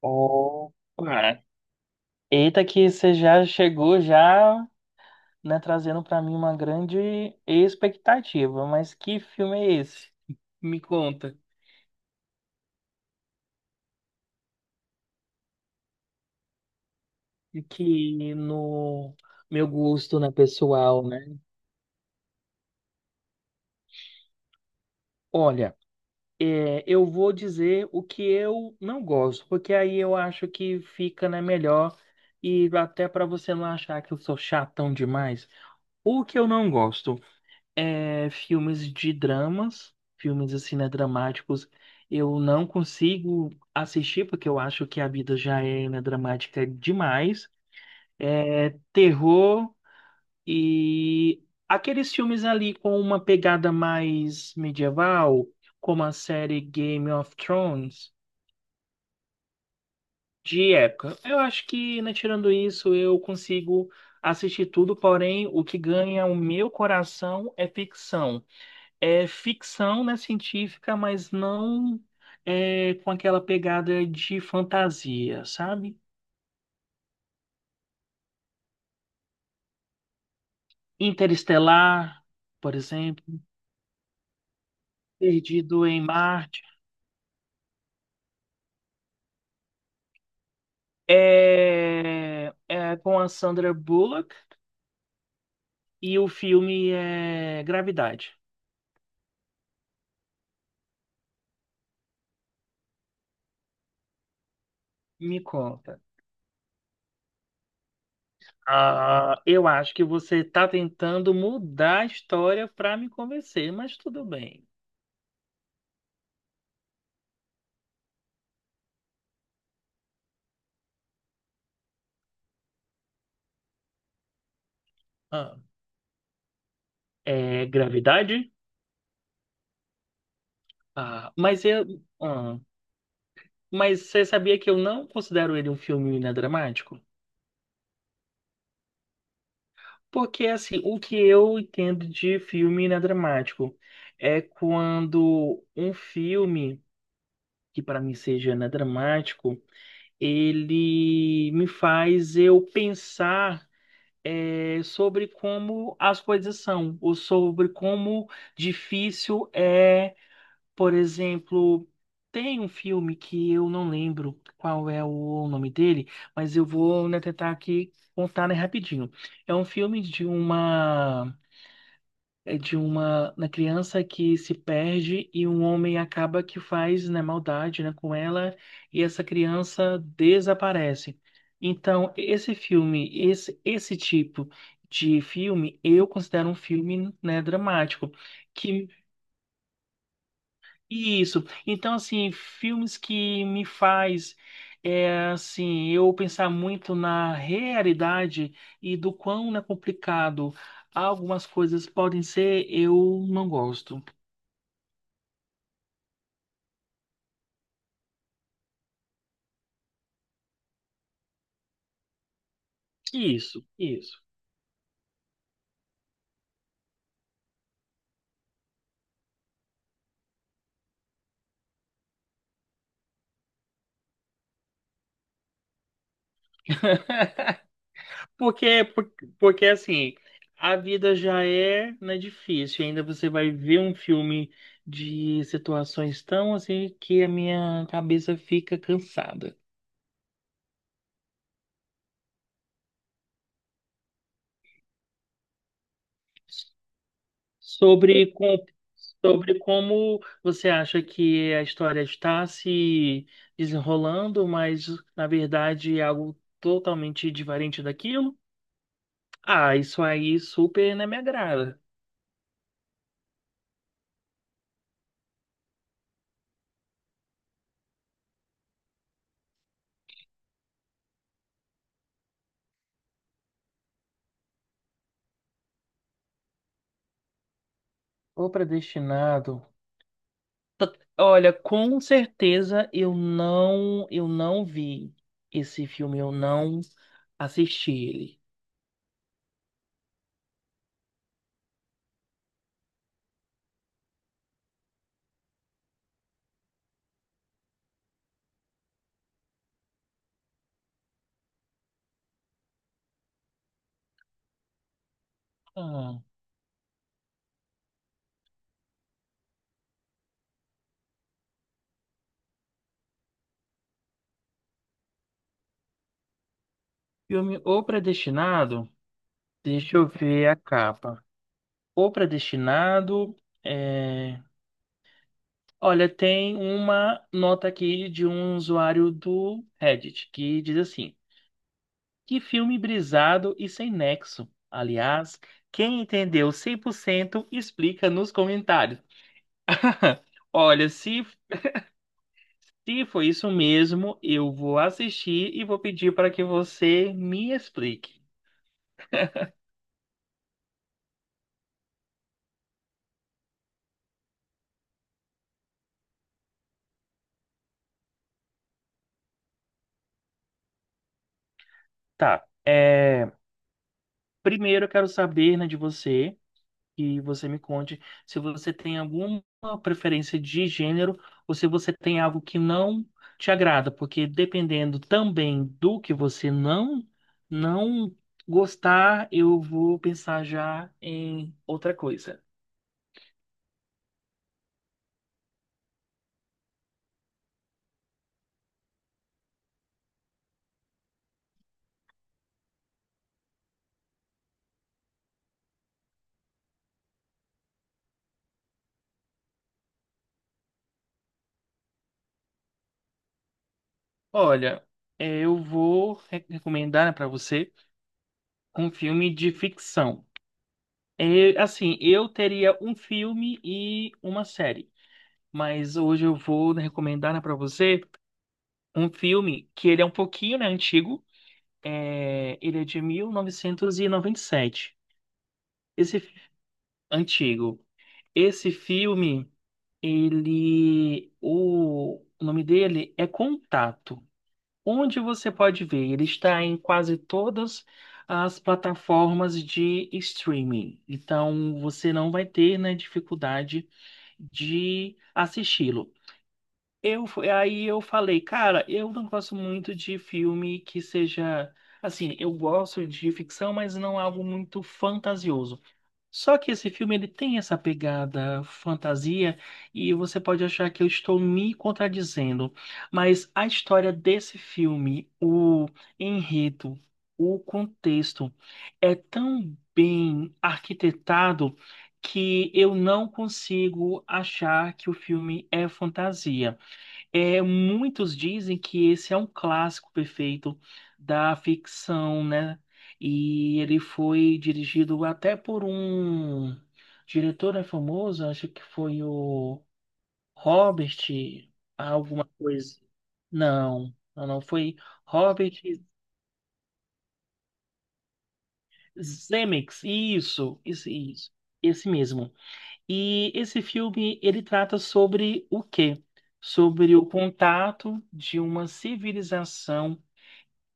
Opa! Eita que você já chegou já, né, trazendo pra mim uma grande expectativa. Mas que filme é esse? Me conta. Que no meu gosto, né, pessoal, né? Olha, é, eu vou dizer o que eu não gosto, porque aí eu acho que fica, né, melhor e até para você não achar que eu sou chatão demais. O que eu não gosto? É, filmes de dramas, filmes assim, né, dramáticos, eu não consigo assistir porque eu acho que a vida já é, né, dramática demais. É, terror e aqueles filmes ali com uma pegada mais medieval, como a série Game of Thrones, de época. Eu acho que, né, tirando isso, eu consigo assistir tudo, porém, o que ganha o meu coração é ficção. Né, científica, mas não é com aquela pegada de fantasia, sabe? Interestelar, por exemplo, Perdido em Marte, é com a Sandra Bullock e o filme é Gravidade. Me conta. Ah, eu acho que você está tentando mudar a história para me convencer, mas tudo bem. Ah, é Gravidade? Ah, mas eu, ah, Mas você sabia que eu não considero ele um filme inadramático? Porque, assim, o que eu entendo de filme inadramático é quando um filme, que para mim seja inadramático, ele me faz eu pensar sobre como as coisas são, ou sobre como difícil é. Por exemplo, tem um filme que eu não lembro qual é o nome dele, mas eu vou, né, tentar aqui contar, né, rapidinho. É um filme de uma é de uma, na criança que se perde e um homem acaba que faz, né, maldade, né, com ela e essa criança desaparece. Então, esse filme, esse tipo de filme, eu considero um filme, né, dramático. Que isso. Então, assim, filmes que me faz, é, assim, eu pensar muito na realidade e do quão é complicado algumas coisas podem ser, eu não gosto. Isso, isso. Porque, por- Porque assim, a vida já é, né, difícil. Ainda você vai ver um filme de situações tão assim que a minha cabeça fica cansada. Sobre, com- sobre como você acha que a história está se desenrolando, mas na verdade é algo totalmente diferente daquilo? Ah, isso aí super não me agrada. O Predestinado. Olha, com certeza eu não vi esse filme, eu não assisti ele. Ah, filme O Predestinado, deixa eu ver a capa. O Predestinado é. Olha, tem uma nota aqui de um usuário do Reddit que diz assim: que filme brisado e sem nexo. Aliás, quem entendeu 100% explica nos comentários. Olha, se foi isso mesmo, eu vou assistir e vou pedir para que você me explique. Tá. É, primeiro eu quero saber, né, de você, que você me conte se você tem alguma preferência de gênero ou se você tem algo que não te agrada, porque dependendo também do que você não gostar, eu vou pensar já em outra coisa. Olha, eu vou recomendar né, para você um filme de ficção. É, assim, eu teria um filme e uma série, mas hoje eu vou né, recomendar né, para você um filme que ele é um pouquinho, né, antigo. É, ele é de mil novecentos e noventa e sete. Esse fi- Antigo. Esse filme, o nome dele é Contato. Onde você pode ver, ele está em quase todas as plataformas de streaming. Então, você não vai ter, né, dificuldade de assisti-lo. Aí eu falei, cara, eu não gosto muito de filme que seja. Assim, eu gosto de ficção, mas não algo muito fantasioso. Só que esse filme ele tem essa pegada fantasia e você pode achar que eu estou me contradizendo, mas a história desse filme, o enredo, o contexto é tão bem arquitetado que eu não consigo achar que o filme é fantasia. É, muitos dizem que esse é um clássico perfeito da ficção, né? E ele foi dirigido até por um diretor né, famoso, acho que foi o Robert, alguma coisa. Não, não, não foi. Robert Zemeckis. Isso, isso, isso. Esse mesmo. E esse filme, ele trata sobre o quê? Sobre o contato de uma civilização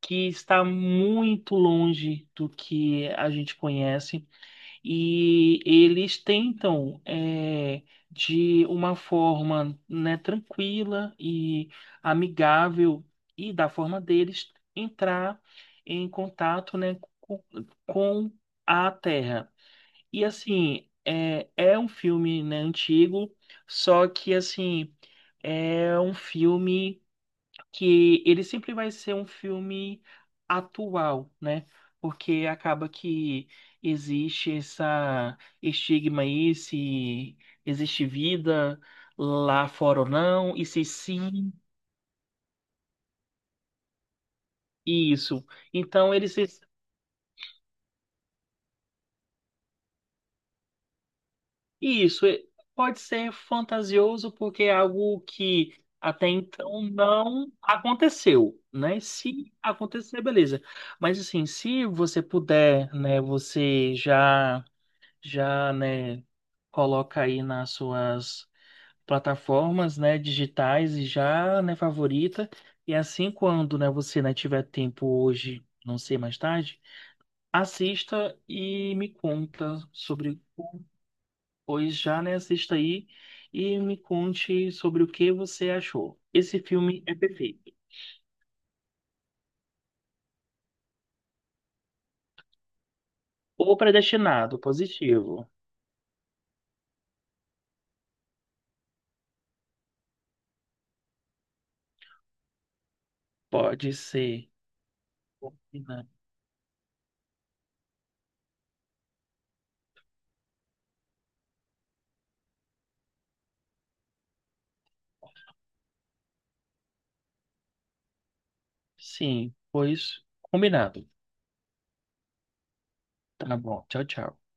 que está muito longe do que a gente conhece e eles tentam é, de uma forma né, tranquila e amigável e da forma deles entrar em contato né, com, a Terra e assim é um filme né, antigo, só que assim é um filme que ele sempre vai ser um filme atual, né? Porque acaba que existe essa estigma aí se existe vida lá fora ou não, e se sim, isso. Então ele se isso e- Pode ser fantasioso porque é algo que até então não aconteceu, né? Se acontecer, beleza. Mas assim, se você puder, né, você já já, né, coloca aí nas suas plataformas, né, digitais e já, né, favorita. E assim, quando, né, você, né, tiver tempo hoje, não sei, mais tarde, assista e me conta sobre, pois já, né, assista aí e me conte sobre o que você achou. Esse filme é perfeito. Ou predestinado, positivo. Pode ser. Combinado. Sim, pois combinado. Tá bom. Tchau, tchau.